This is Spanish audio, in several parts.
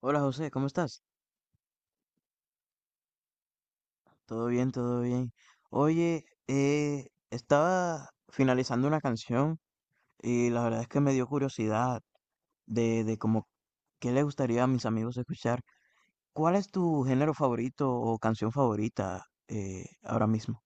Hola José, ¿cómo estás? Todo bien, todo bien. Oye, estaba finalizando una canción y la verdad es que me dio curiosidad de como qué le gustaría a mis amigos escuchar. ¿Cuál es tu género favorito o canción favorita ahora mismo?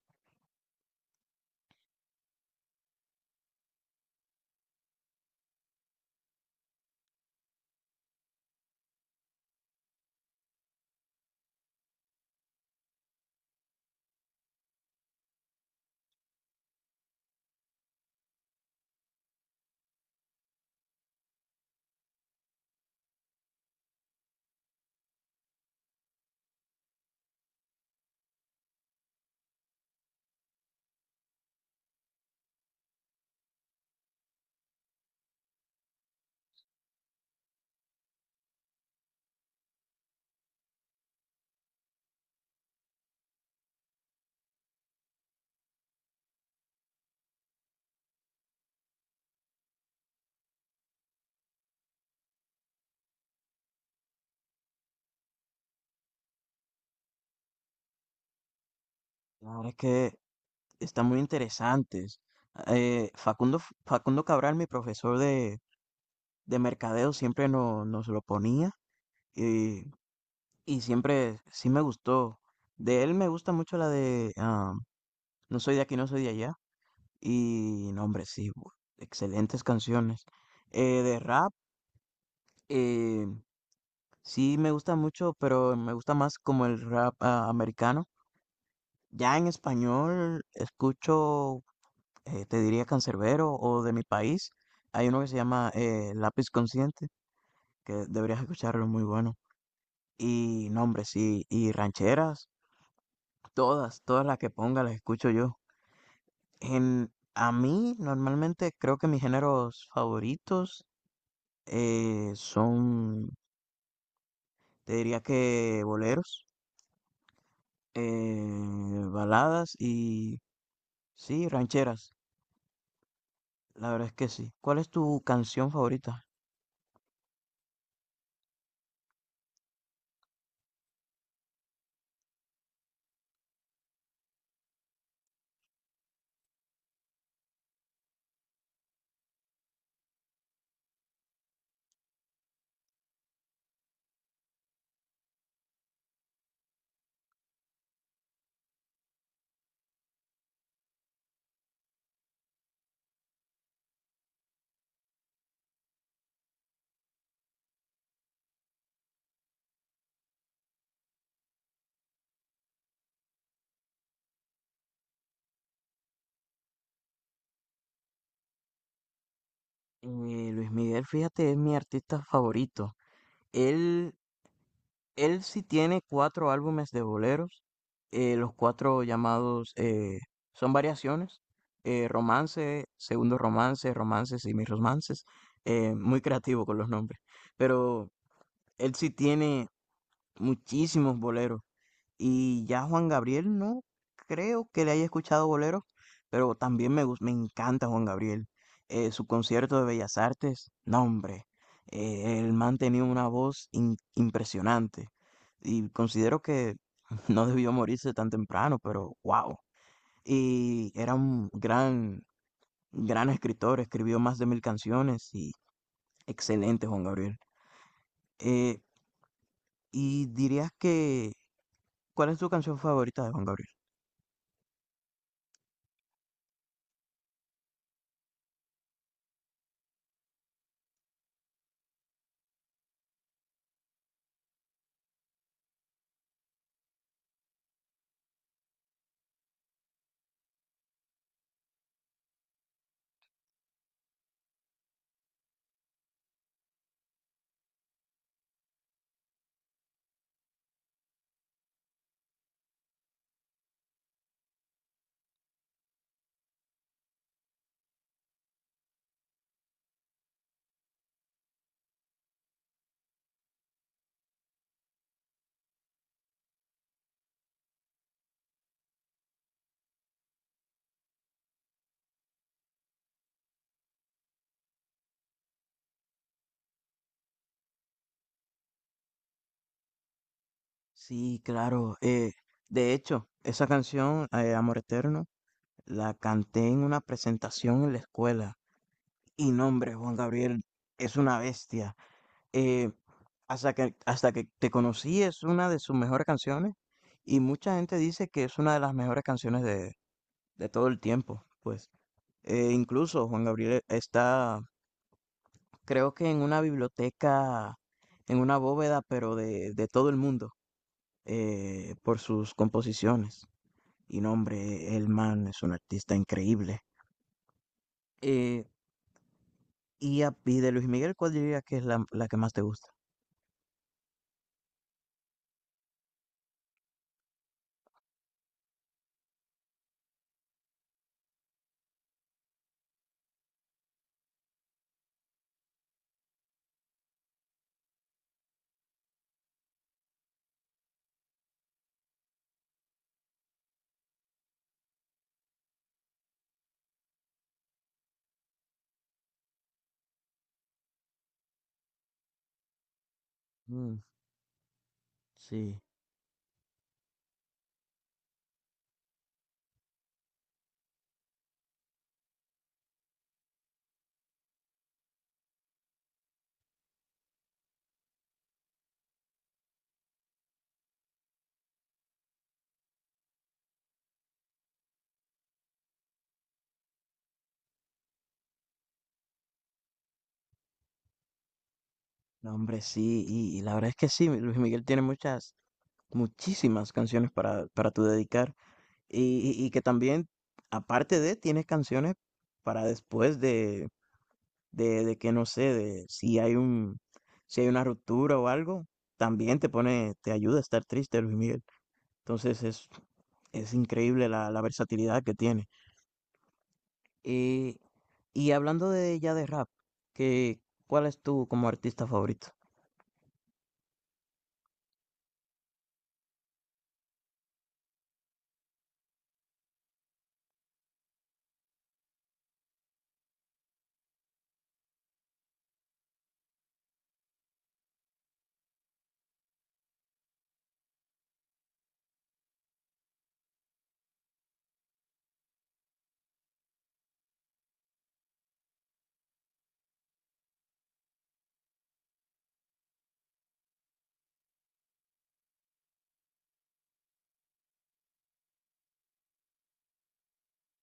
La verdad es que están muy interesantes. Eh, Facundo, Facundo Cabral, mi profesor de mercadeo, siempre nos lo ponía. y Y siempre sí me gustó. De él me gusta mucho la de No soy de aquí, no soy de allá. Y no, hombre, sí, excelentes canciones. De rap, eh, sí me gusta mucho, pero me gusta más como el rap americano. Ya en español escucho, te diría Canserbero o de mi país. Hay uno que se llama Lápiz Consciente, que deberías escucharlo, muy bueno. Y no, hombre, sí, y rancheras, todas las que ponga las escucho yo. A mí, normalmente, creo que mis géneros favoritos son, te diría que boleros, eh, baladas y, sí, rancheras. La verdad es que sí. ¿Cuál es tu canción favorita? Eh, Luis Miguel, fíjate, es mi artista favorito. Él, Él sí tiene cuatro álbumes de boleros, los cuatro llamados son variaciones, romance, segundo romance, romances y mis romances. Eh, muy creativo con los nombres, pero él sí tiene muchísimos boleros. Y ya Juan Gabriel, no creo que le haya escuchado boleros, pero también me encanta Juan Gabriel. Su concierto de Bellas Artes, no hombre, el man tenía una voz impresionante. Y considero que no debió morirse tan temprano, pero wow. Y era un gran escritor, escribió más de mil canciones y excelente Juan Gabriel. Eh, y dirías que, ¿cuál es tu canción favorita de Juan Gabriel? Sí, claro. Eh, de hecho, esa canción, Amor Eterno, la canté en una presentación en la escuela. Y no, hombre, Juan Gabriel es una bestia. Eh, hasta que te conocí es una de sus mejores canciones. Y mucha gente dice que es una de las mejores canciones de todo el tiempo. Pues incluso Juan Gabriel está, creo que en una biblioteca, en una bóveda, pero de todo el mundo, por sus composiciones. Y nombre, el man es un artista increíble. Eh, y de Luis Miguel, ¿cuál dirías que es la que más te gusta? Mm, sí, no, hombre, sí. Y la verdad es que sí, Luis Miguel tiene muchas, muchísimas canciones para tu dedicar. Y que también, aparte de, tienes canciones para después de que no sé, de si hay si hay una ruptura o algo, también te pone, te ayuda a estar triste, Luis Miguel. Entonces es, es increíble la versatilidad que tiene. y y hablando de ya de rap, que, ¿cuál es tu como artista favorito?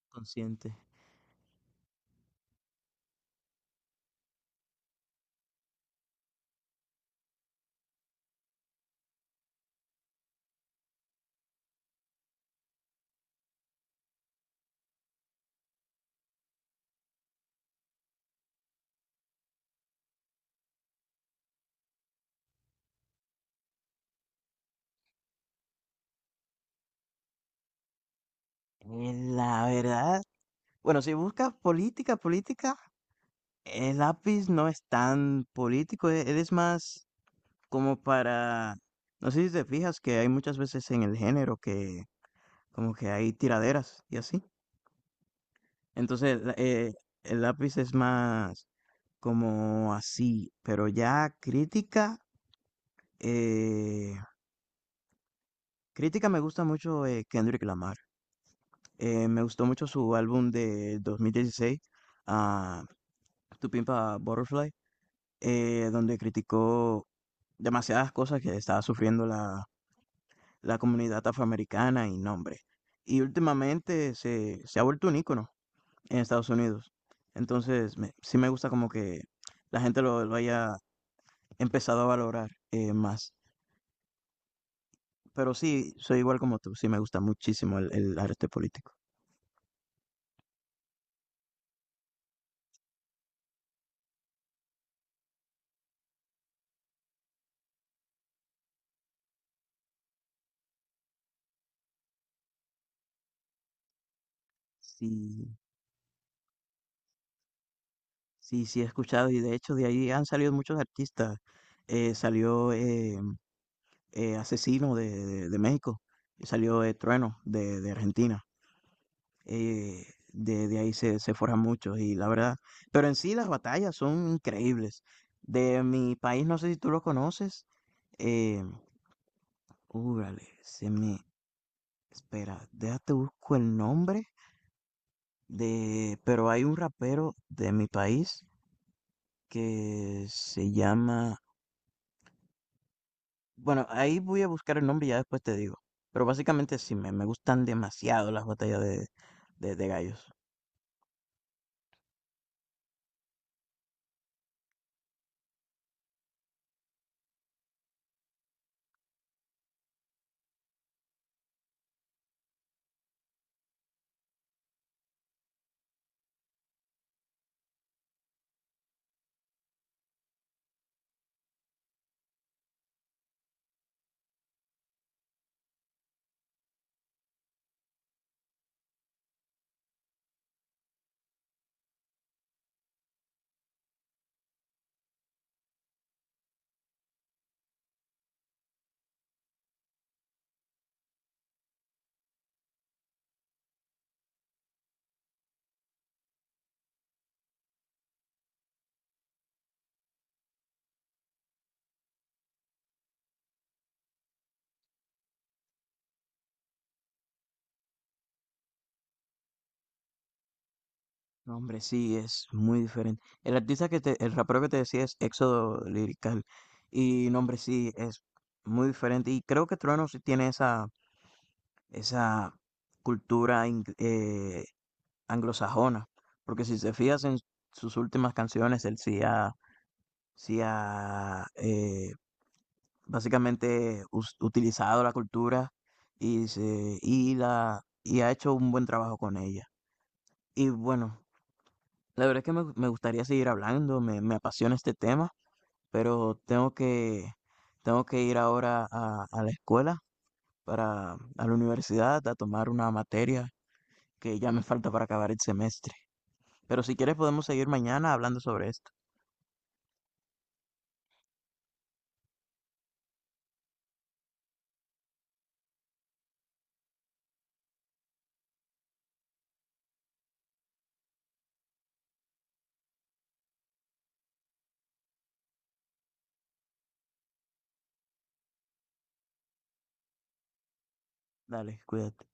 Consciente. La verdad, bueno, si buscas política, el lápiz no es tan político, él es más como para, no sé si te fijas que hay muchas veces en el género que como que hay tiraderas y así. Entonces, el lápiz es más como así, pero ya crítica, eh, crítica me gusta mucho Kendrick Lamar. Me gustó mucho su álbum de 2016, ah, Tu Pimpa Butterfly, donde criticó demasiadas cosas que estaba sufriendo la comunidad afroamericana y nombre. Y últimamente se ha vuelto un ícono en Estados Unidos. Entonces, sí me gusta como que la gente lo haya empezado a valorar más. Pero sí, soy igual como tú, sí me gusta muchísimo el arte político. Sí, sí, sí he escuchado y de hecho de ahí han salido muchos artistas. Salió Asesino de, de México, salió Trueno de Argentina. eh, de ahí se forjan muchos y la verdad, pero en sí las batallas son increíbles. De mi país, no sé si tú lo conoces, eh, úrale, se me, espera, déjate busco el nombre de, pero hay un rapero de mi país que se llama. Bueno, ahí voy a buscar el nombre y ya después te digo. Pero básicamente sí, me gustan demasiado las batallas de gallos. No, hombre, sí, es muy diferente. El artista que te, el rapero que te decía es Éxodo Lirical. Y no, hombre, sí, es muy diferente. Y creo que Trueno sí tiene esa cultura anglosajona, porque si se fijas en sus últimas canciones, él sí ha, sí ha básicamente utilizado la cultura y, se, y, la, y ha hecho un buen trabajo con ella. Y bueno, la verdad es que me gustaría seguir hablando, me apasiona este tema, pero tengo que ir ahora a la escuela, para, a la universidad, a tomar una materia que ya me falta para acabar el semestre. Pero si quieres podemos seguir mañana hablando sobre esto. Dale, cuídate.